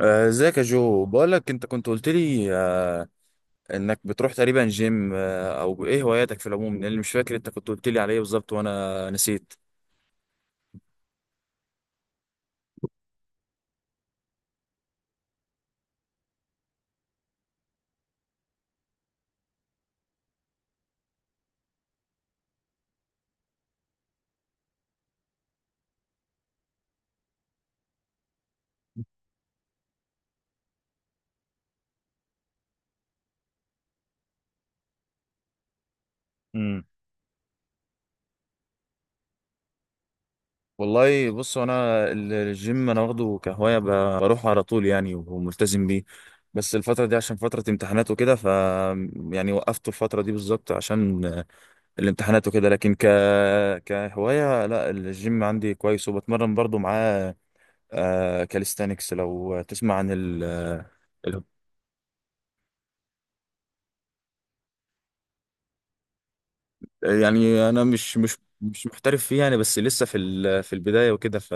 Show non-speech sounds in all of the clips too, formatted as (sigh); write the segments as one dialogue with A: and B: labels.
A: ازيك يا جو، بقولك انت كنت قلت لي انك بتروح تقريبا جيم، او ايه هواياتك في العموم؟ لان اللي مش فاكر انت كنت قلت لي عليه بالظبط وانا نسيت. امم. والله بص انا، الجيم انا واخده كهوايه، بروح على طول يعني وملتزم بيه. بس الفتره دي عشان فتره امتحانات وكده، يعني وقفت الفتره دي بالظبط عشان الامتحانات وكده. لكن كهوايه لا، الجيم عندي كويس وبتمرن برضو معاه. كاليستانكس لو تسمع عن ال- يعني انا مش محترف فيه، يعني بس لسه في البدايه وكده،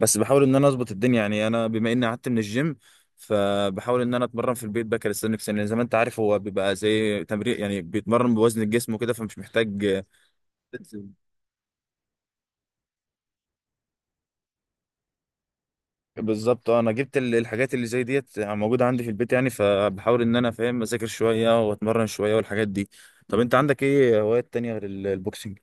A: بس بحاول ان انا اظبط الدنيا. يعني انا بما اني قعدت من الجيم، فبحاول ان انا اتمرن في البيت بقى كاليستانكس، لان زي ما انت عارف هو بيبقى زي تمرين، يعني بيتمرن بوزن الجسم وكده فمش محتاج. بالظبط اه، انا جبت الحاجات اللي زي ديت موجوده عندي في البيت، يعني فبحاول ان انا فاهم اذاكر شويه واتمرن شويه والحاجات دي. طب انت عندك ايه هوايات تانية غير البوكسنج؟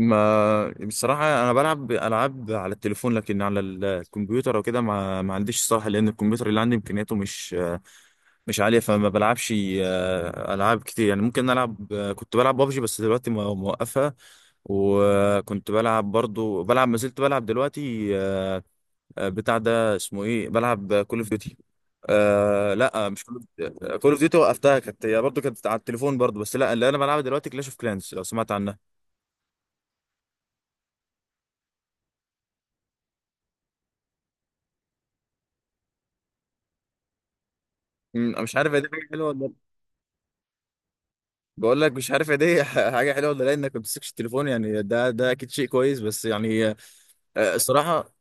A: ما بصراحة أنا بلعب ألعاب على التليفون، لكن على الكمبيوتر وكده ما عنديش الصراحة، لأن الكمبيوتر اللي عندي إمكانياته مش عالية فما بلعبش ألعاب كتير، يعني ممكن ألعب، كنت بلعب بابجي بس دلوقتي موقفها. وكنت بلعب برضو، بلعب ما زلت بلعب دلوقتي، بتاع ده اسمه إيه، بلعب كول أوف ديوتي. آه لا، مش كول اوف ديوتي وقفتها، كانت هي برضه كانت على التليفون برضه، بس لا، اللي انا بلعبها دلوقتي كلاش اوف كلانس، لو سمعت عنها. مش عارف هي دي حاجه حلوه ولا. بقول لك مش عارف دي (laughs) حاجه حلوه ولا لا، انك ما بتمسكش التليفون، يعني ده اكيد شيء كويس، بس يعني الصراحه.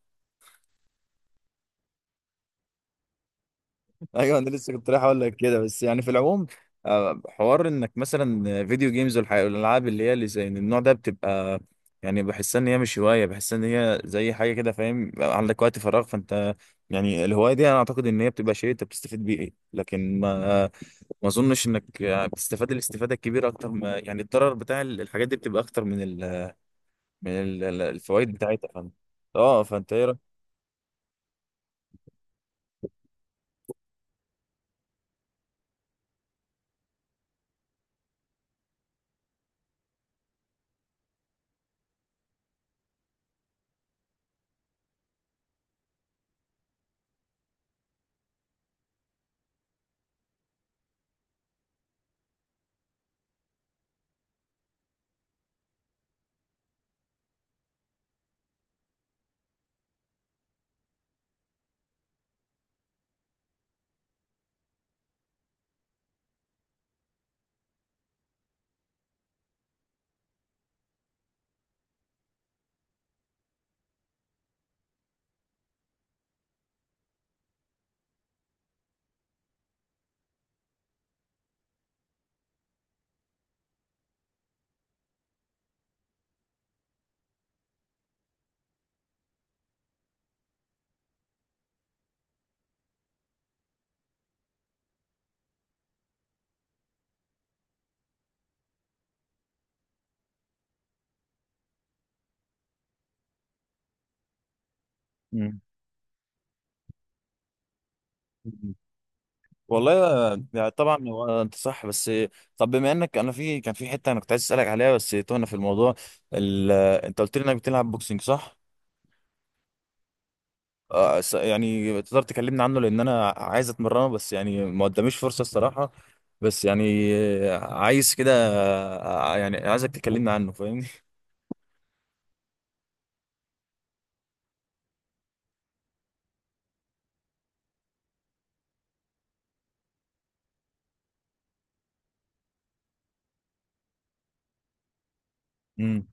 A: (laughs) ايوه، انا لسه كنت رايح اقول لك كده، بس يعني في العموم حوار انك مثلا فيديو جيمز والالعاب اللي هي اللي زي النوع ده بتبقى، يعني بحس ان هي مش هوايه، بحس ان هي زي حاجه كده، فاهم؟ بقى عندك وقت فراغ فانت، يعني الهوايه دي انا اعتقد ان هي بتبقى شيء انت بتستفيد بيه، لكن ما اظنش انك بتستفاد الاستفاده الكبيره اكتر، ما يعني الضرر بتاع الحاجات دي بتبقى اكتر الفوائد بتاعتها فانت. اه، فانت ايه رأيك؟ مم. والله يعني، طبعا هو انت صح بس. طب بما انك، انا في كان في حته انا كنت عايز اسالك عليها، بس تهنا في الموضوع. انت قلت لي انك بتلعب بوكسنج صح؟ يعني تقدر تكلمني عنه، لان انا عايز اتمرنه، بس يعني ما قداميش فرصه الصراحه. بس يعني عايز كده، يعني عايزك تكلمني عنه فاهمني؟ امم.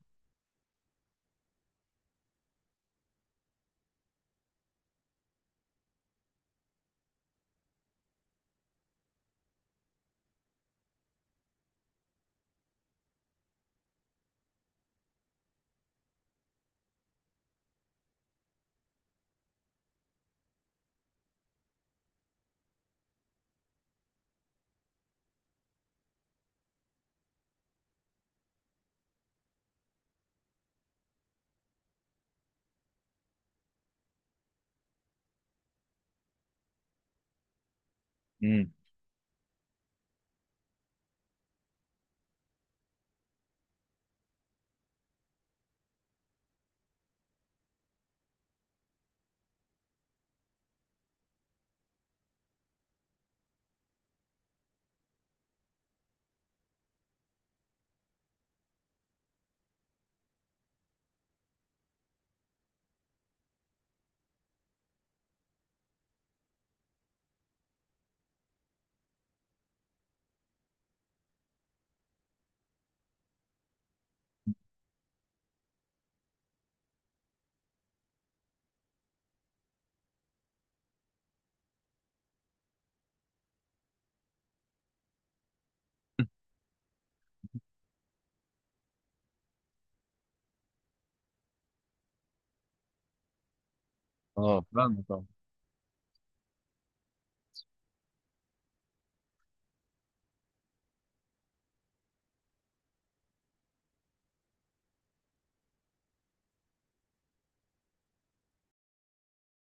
A: امم. اه فاهمك،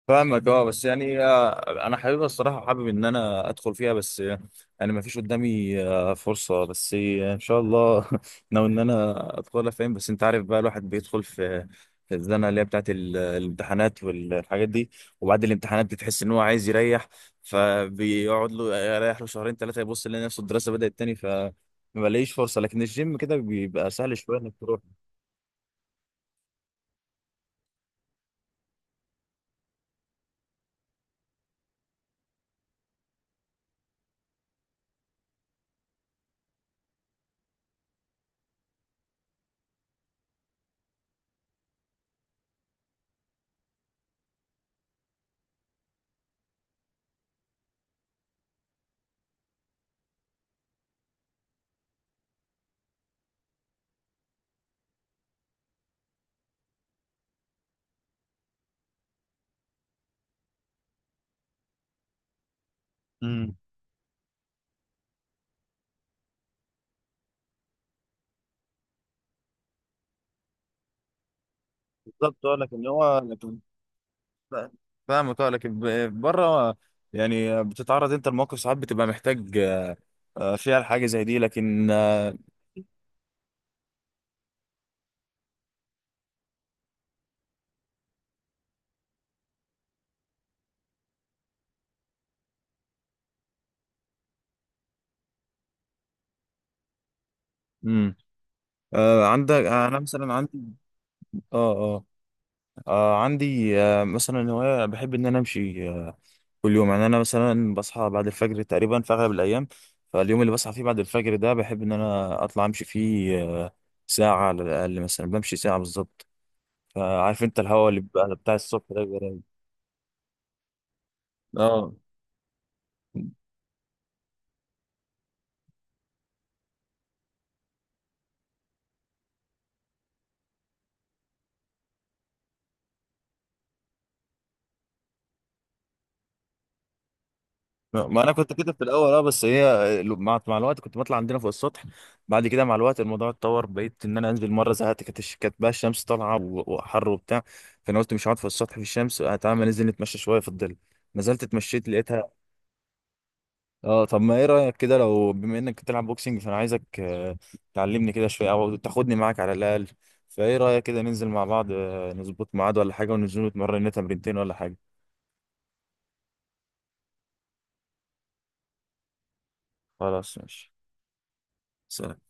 A: فاهمك اه. بس يعني انا حاببها الصراحه وحابب ان انا ادخل فيها، بس يعني ما فيش قدامي فرصه، بس ان شاء الله (laughs) ناوي ان انا ادخلها، فاهم؟ بس انت عارف بقى، الواحد بيدخل في في الزنقه اللي هي بتاعت الامتحانات والحاجات دي، وبعد الامتحانات بتحس ان هو عايز يريح، فبيقعد له يريح له شهرين ثلاثه يبص يلاقي نفسه الدراسه بدات تاني، فما بلاقيش فرصه. لكن الجيم كده بيبقى سهل شويه انك تروح. امم. بالظبط اه، لكن هو لا، فاهمك اه، لكن بره يعني بتتعرض انت لمواقف ساعات بتبقى محتاج فيها الحاجه زي دي، لكن امم. عندك آه، انا مثلا عندي اه اه، عندي مثلا هوايه بحب ان انا امشي كل يوم. يعني انا مثلا بصحى بعد الفجر تقريبا في اغلب الايام، فاليوم اللي بصحى فيه بعد الفجر ده بحب ان انا اطلع امشي فيه ساعه على الاقل، مثلا بمشي ساعه بالظبط. فعارف انت الهواء اللي بيبقى بتاع الصبح ده بيبقى رايق. اه ما انا كنت كده في الاول اه، بس هي مع الوقت كنت بطلع عندنا فوق السطح، بعد كده مع الوقت الموضوع اتطور بقيت ان انا انزل. مره زهقت كانت بقى الشمس طالعه وحر وبتاع، فانا قلت مش هقعد في السطح في الشمس، تعالى ما ننزل نتمشى شويه في الظل. نزلت اتمشيت لقيتها. اه طب ما ايه رايك كده، لو بما انك بتلعب بوكسنج فانا عايزك تعلمني كده شويه او تاخدني معاك على الاقل. فايه رايك كده ننزل مع بعض، نظبط ميعاد ولا حاجه، وننزل نتمرن لنا تمرينتين ولا حاجه؟ خلاص ماشي. سلام.